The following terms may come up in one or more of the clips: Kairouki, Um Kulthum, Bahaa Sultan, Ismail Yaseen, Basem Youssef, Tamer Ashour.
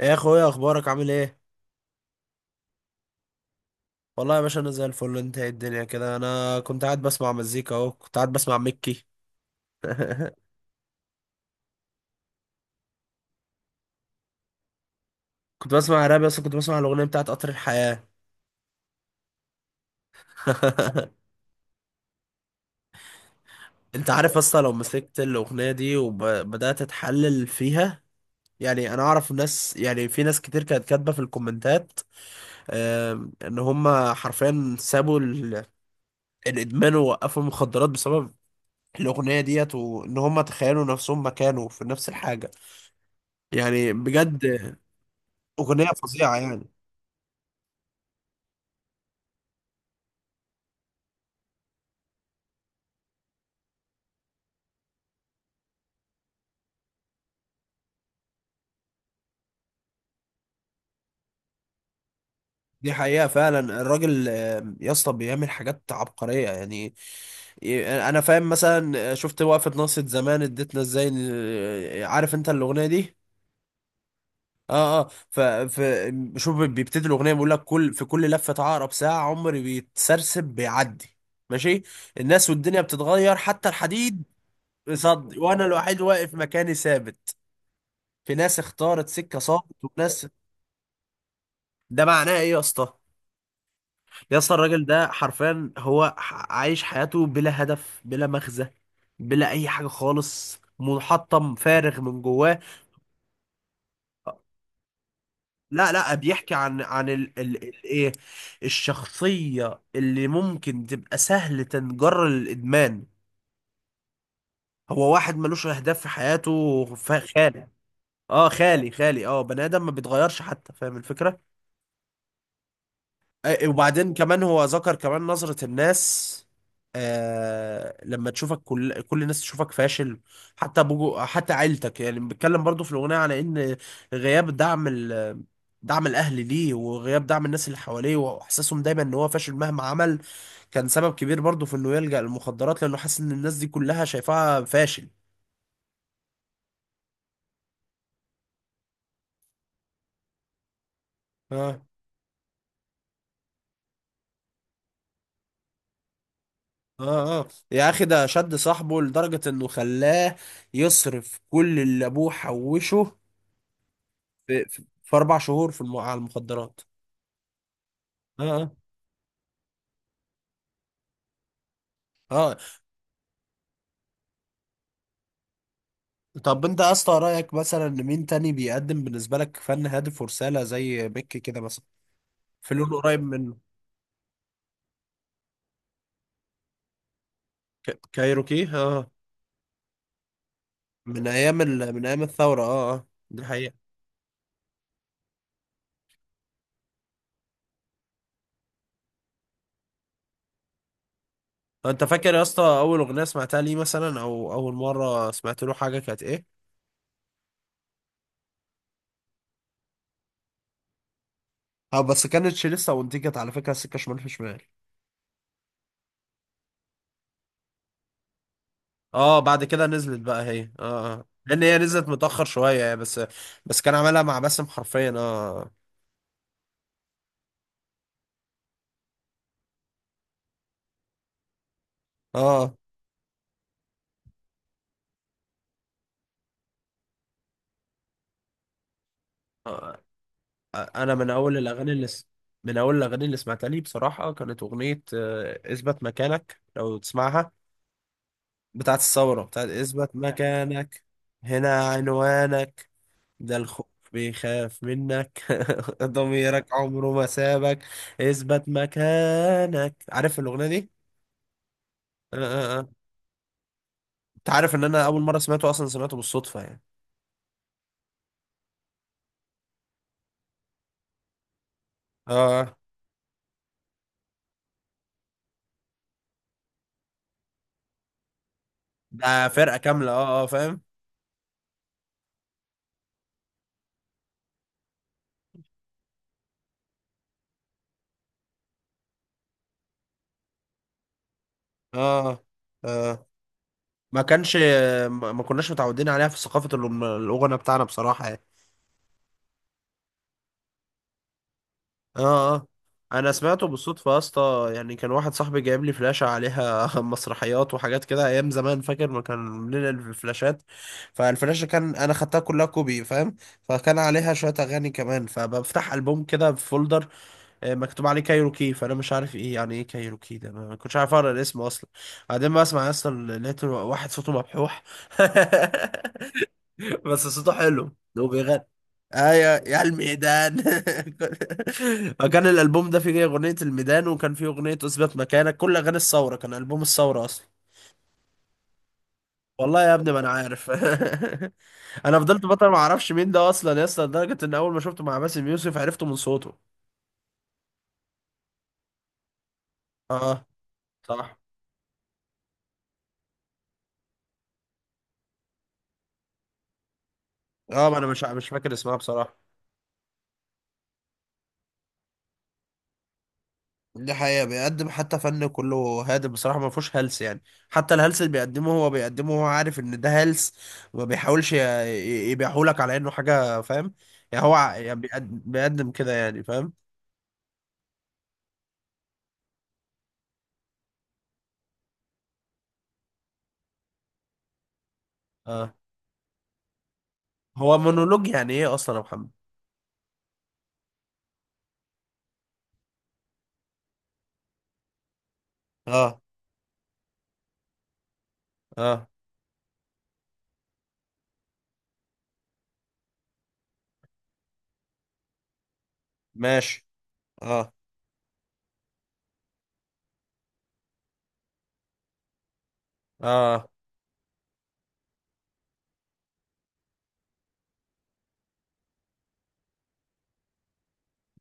يا اخويا، اخبارك عامل ايه؟ والله يا باشا انا زي الفل. انت ايه الدنيا كده؟ انا كنت قاعد بسمع مزيكا اهو، كنت قاعد بسمع مكي. كنت بسمع راب، بس كنت بسمع الاغنيه بتاعت قطر الحياه. انت عارف اصلا لو مسكت الاغنيه دي وبدات اتحلل فيها؟ يعني انا اعرف ناس، يعني في ناس كتير كانت كاتبه في الكومنتات، ان هم حرفيا سابوا الادمان ووقفوا المخدرات بسبب الاغنيه ديت، وان هم تخيلوا نفسهم مكانه في نفس الحاجه. يعني بجد اغنيه فظيعه يعني. دي حقيقة فعلا. الراجل يا اسطى بيعمل حاجات عبقرية يعني. انا فاهم مثلا. شفت وقفة ناصية زمان اديتنا ازاي. عارف انت الأغنية دي؟ اه اه. ف شوف، بيبتدي الأغنية بيقول لك كل في كل لفة عقرب ساعة عمري بيتسرسب بيعدي. ماشي. الناس والدنيا بتتغير حتى الحديد بيصدي، وانا الوحيد واقف مكاني ثابت. في ناس اختارت سكة صامت وناس. ده معناه ايه يا اسطى؟ يا اسطى الراجل ده حرفيا هو عايش حياته بلا هدف، بلا مغزى، بلا اي حاجه خالص. منحطم فارغ من جواه. لا لا، بيحكي عن ال ايه، الشخصيه اللي ممكن تبقى سهل تنجر للادمان. هو واحد ملوش اهداف في حياته، خالي. اه، خالي خالي. اه، بني ادم ما بيتغيرش حتى، فاهم الفكره. وبعدين كمان هو ذكر كمان نظرة الناس. آه، لما تشوفك كل الناس تشوفك فاشل، حتى بجو، حتى عيلتك. يعني بيتكلم برضو في الأغنية على إن غياب دعم دعم الأهل ليه، وغياب دعم الناس اللي حواليه، وإحساسهم دايما إن هو فاشل مهما عمل، كان سبب كبير برضو في إنه يلجأ للمخدرات، لأنه حاسس إن الناس دي كلها شايفاها فاشل. اه اه. اه يا اخي، ده شد صاحبه لدرجة انه خلاه يصرف كل اللي ابوه حوشه في 4 شهور في على المخدرات. اه اه. اه، طب انت يا اسطى رايك مثلا إن مين تاني بيقدم بالنسبه لك فن هادف ورساله زي بيك كده مثلا؟ في لون قريب من كايروكي. اه، من ايام من ايام الثوره. اه اه، دي حقيقه. طب انت فاكر يا اسطى اول اغنيه سمعتها ليه مثلا، او اول مره سمعت له حاجه كانت ايه؟ اه بس كانتش لسه، وانتجت على فكره سكه شمال في شمال. اه بعد كده نزلت بقى هي. اه اه، لان هي نزلت متاخر شويه بس. بس كان عملها مع باسم حرفيا، اه. اه. آه، انا من اول الاغاني من اول الاغاني اللي سمعتها لي بصراحه كانت اغنيه اثبت مكانك، لو تسمعها. بتاعت الثورة، بتاعت اثبت مكانك. هنا عنوانك. ده الخوف بيخاف منك. ضميرك عمره ما سابك. اثبت مكانك، عارف الاغنيه دي؟ آه، آه، آه. انت عارف ان انا اول مره سمعته اصلا سمعته بالصدفه يعني. اه، ده فرقه كامله. اه اه، فاهم. اه. آه. ما كانش، ما كناش متعودين عليها في ثقافة الغنى بتاعنا بصراحة يعني. اه اه. انا سمعته بالصدفة يا اسطى، يعني كان واحد صاحبي جايب لي فلاشة عليها مسرحيات وحاجات كده ايام زمان، فاكر ما كان بننقل الفلاشات. فالفلاشة كان انا خدتها كلها كوبي، فاهم. فكان عليها شوية اغاني كمان، فبفتح ألبوم كده في فولدر مكتوب عليه كايروكي، فانا مش عارف ايه يعني ايه كايروكي ده، ما كنتش عارف اقرا الاسم اصلا. بعدين ما اسمع اصلا لقيت واحد صوته مبحوح. بس صوته حلو، وبيغني ايوه يا الميدان. فكان الالبوم ده فيه اغنيه الميدان، وكان فيه اغنيه اثبت مكانك، كل اغاني الثوره، كان البوم الثوره اصلا. والله يا ابني ما انا عارف. انا فضلت فتره ما اعرفش مين ده اصلا يا اسطى، لدرجه ان اول ما شفته مع باسم يوسف عرفته من صوته. اه صح. اه، ما انا مش فاكر اسمها بصراحه. دي حقيقة، بيقدم حتى فن كله هادف بصراحة، ما فيهوش هلس يعني. حتى الهلس اللي بيقدمه هو بيقدمه هو عارف ان ده هلس، وما بيحاولش يبيعهولك على انه حاجة، فاهم. يعني هو يعني بيقدم كده يعني، فاهم. اه. هو مونولوج يعني ايه اصلا يا محمد؟ اه اه، ماشي. اه اه،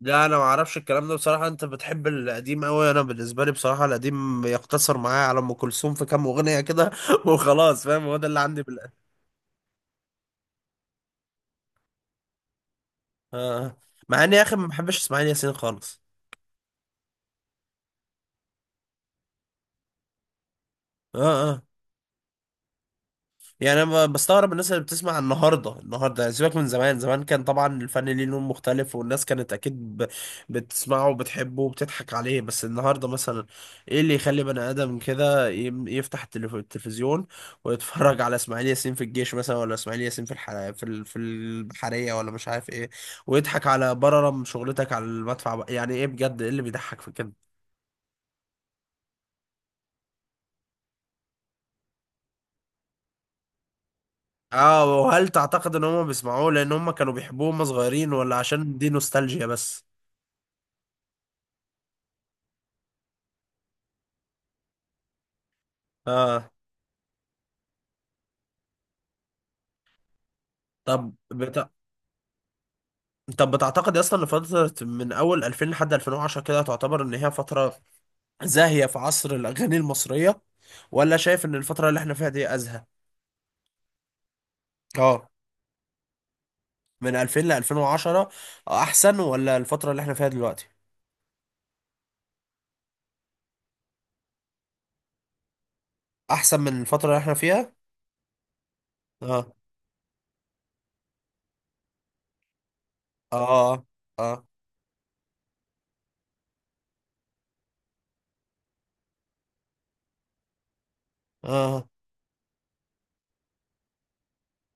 لا انا ما اعرفش الكلام ده بصراحة. انت بتحب القديم قوي. انا بالنسبة لي بصراحة القديم يقتصر معايا على ام كلثوم في كام اغنية كده وخلاص، فاهم، هو ده اللي عندي. اه. آه. مع اني يا اخي ما بحبش اسماعيل ياسين خالص. اه اه. يعني انا بستغرب الناس اللي بتسمع النهارده، النهارده يعني، سيبك من زمان. زمان كان طبعا الفن ليه لون مختلف، والناس كانت اكيد بتسمعه وبتحبه وبتضحك عليه. بس النهارده مثلا، ايه اللي يخلي بني ادم كده يفتح التلفزيون ويتفرج على اسماعيل ياسين في الجيش مثلا، ولا اسماعيل ياسين في في البحريه، ولا مش عارف ايه، ويضحك على بررم شغلتك على المدفع بقى. يعني ايه بجد؟ ايه اللي بيضحك في كده؟ اه، وهل تعتقد ان هم بيسمعوه لان هم كانوا بيحبوه هم صغيرين، ولا عشان دي نوستالجيا بس؟ اه. طب طب بتعتقد اصلا ان فترة من اول 2000 لحد 2010 كده تعتبر ان هي فترة زاهية في عصر الاغاني المصرية، ولا شايف ان الفترة اللي احنا فيها دي ازهى؟ اه. من 2000 ل 2010 احسن، ولا الفترة اللي احنا فيها دلوقتي احسن من الفترة اللي احنا فيها؟ اه. اه. اه. اه.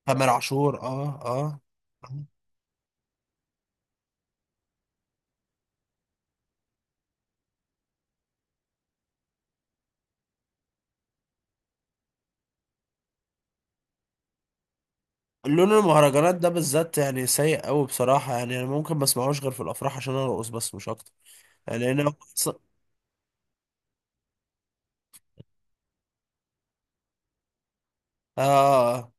تامر عاشور، اه اه. لون المهرجانات ده بالذات يعني سيء قوي بصراحة، يعني انا ممكن ما اسمعوش غير في الافراح عشان ارقص بس، مش اكتر. يعني انا آه.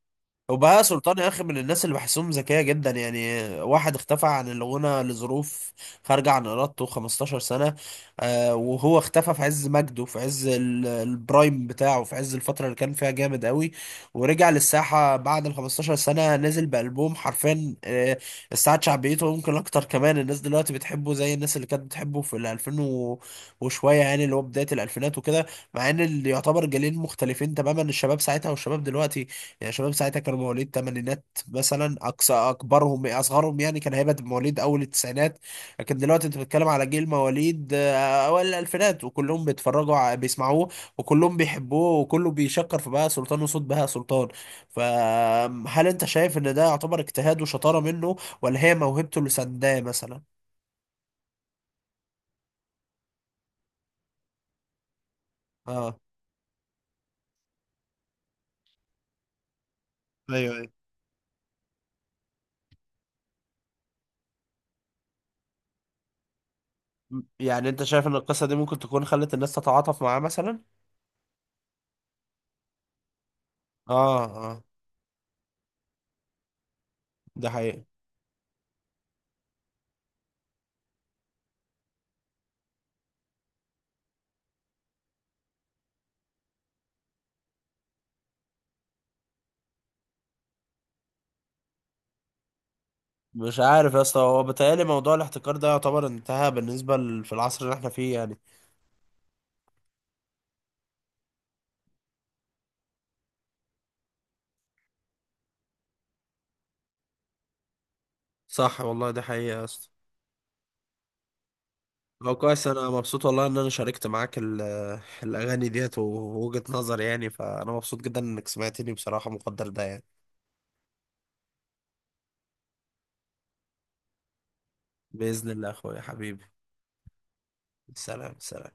وبهاء سلطان يا اخي من الناس اللي بحسهم ذكيه جدا، يعني واحد اختفى عن الغنى لظروف خارجه عن ارادته 15 سنه. آه، وهو اختفى في عز مجده، في عز البرايم بتاعه، في عز الفتره اللي كان فيها جامد قوي، ورجع للساحه بعد ال 15 سنه نزل بالبوم حرفيا. آه، استعاد شعبيته، ويمكن اكتر كمان الناس دلوقتي بتحبه زي الناس اللي كانت بتحبه في ال 2000 وشويه، يعني اللي هو بدايه الالفينات وكده. مع ان اللي يعتبر جيلين مختلفين تماما، الشباب ساعتها والشباب دلوقتي. يعني شباب ساعتها كانوا مواليد تمانينات مثلا اقصى اكبرهم، اصغرهم يعني كان هيبقى مواليد اول التسعينات. لكن دلوقتي انت بتتكلم على جيل مواليد اوائل الالفينات، وكلهم بيتفرجوا بيسمعوه، وكلهم بيحبوه، وكله بيشكر في بهاء سلطان وصوت بهاء سلطان. فهل انت شايف ان ده يعتبر اجتهاد وشطارة منه، ولا هي موهبته اللي سنداه مثلا؟ اه ايوه ايوه. يعني انت شايف ان القصة دي ممكن تكون خلت الناس تتعاطف معاه مثلا؟ اه اه. ده حقيقي. مش عارف يا اسطى، هو بيتهيألي موضوع الاحتكار ده يعتبر انتهى بالنسبة في العصر اللي احنا فيه يعني. صح والله، دي حقيقة يا اسطى. هو كويس، انا مبسوط والله ان انا شاركت معاك الاغاني ديت ووجهة نظري يعني، فانا مبسوط جدا انك سمعتني بصراحة، مقدر ده يعني. بإذن الله يا اخويا حبيبي. سلام سلام.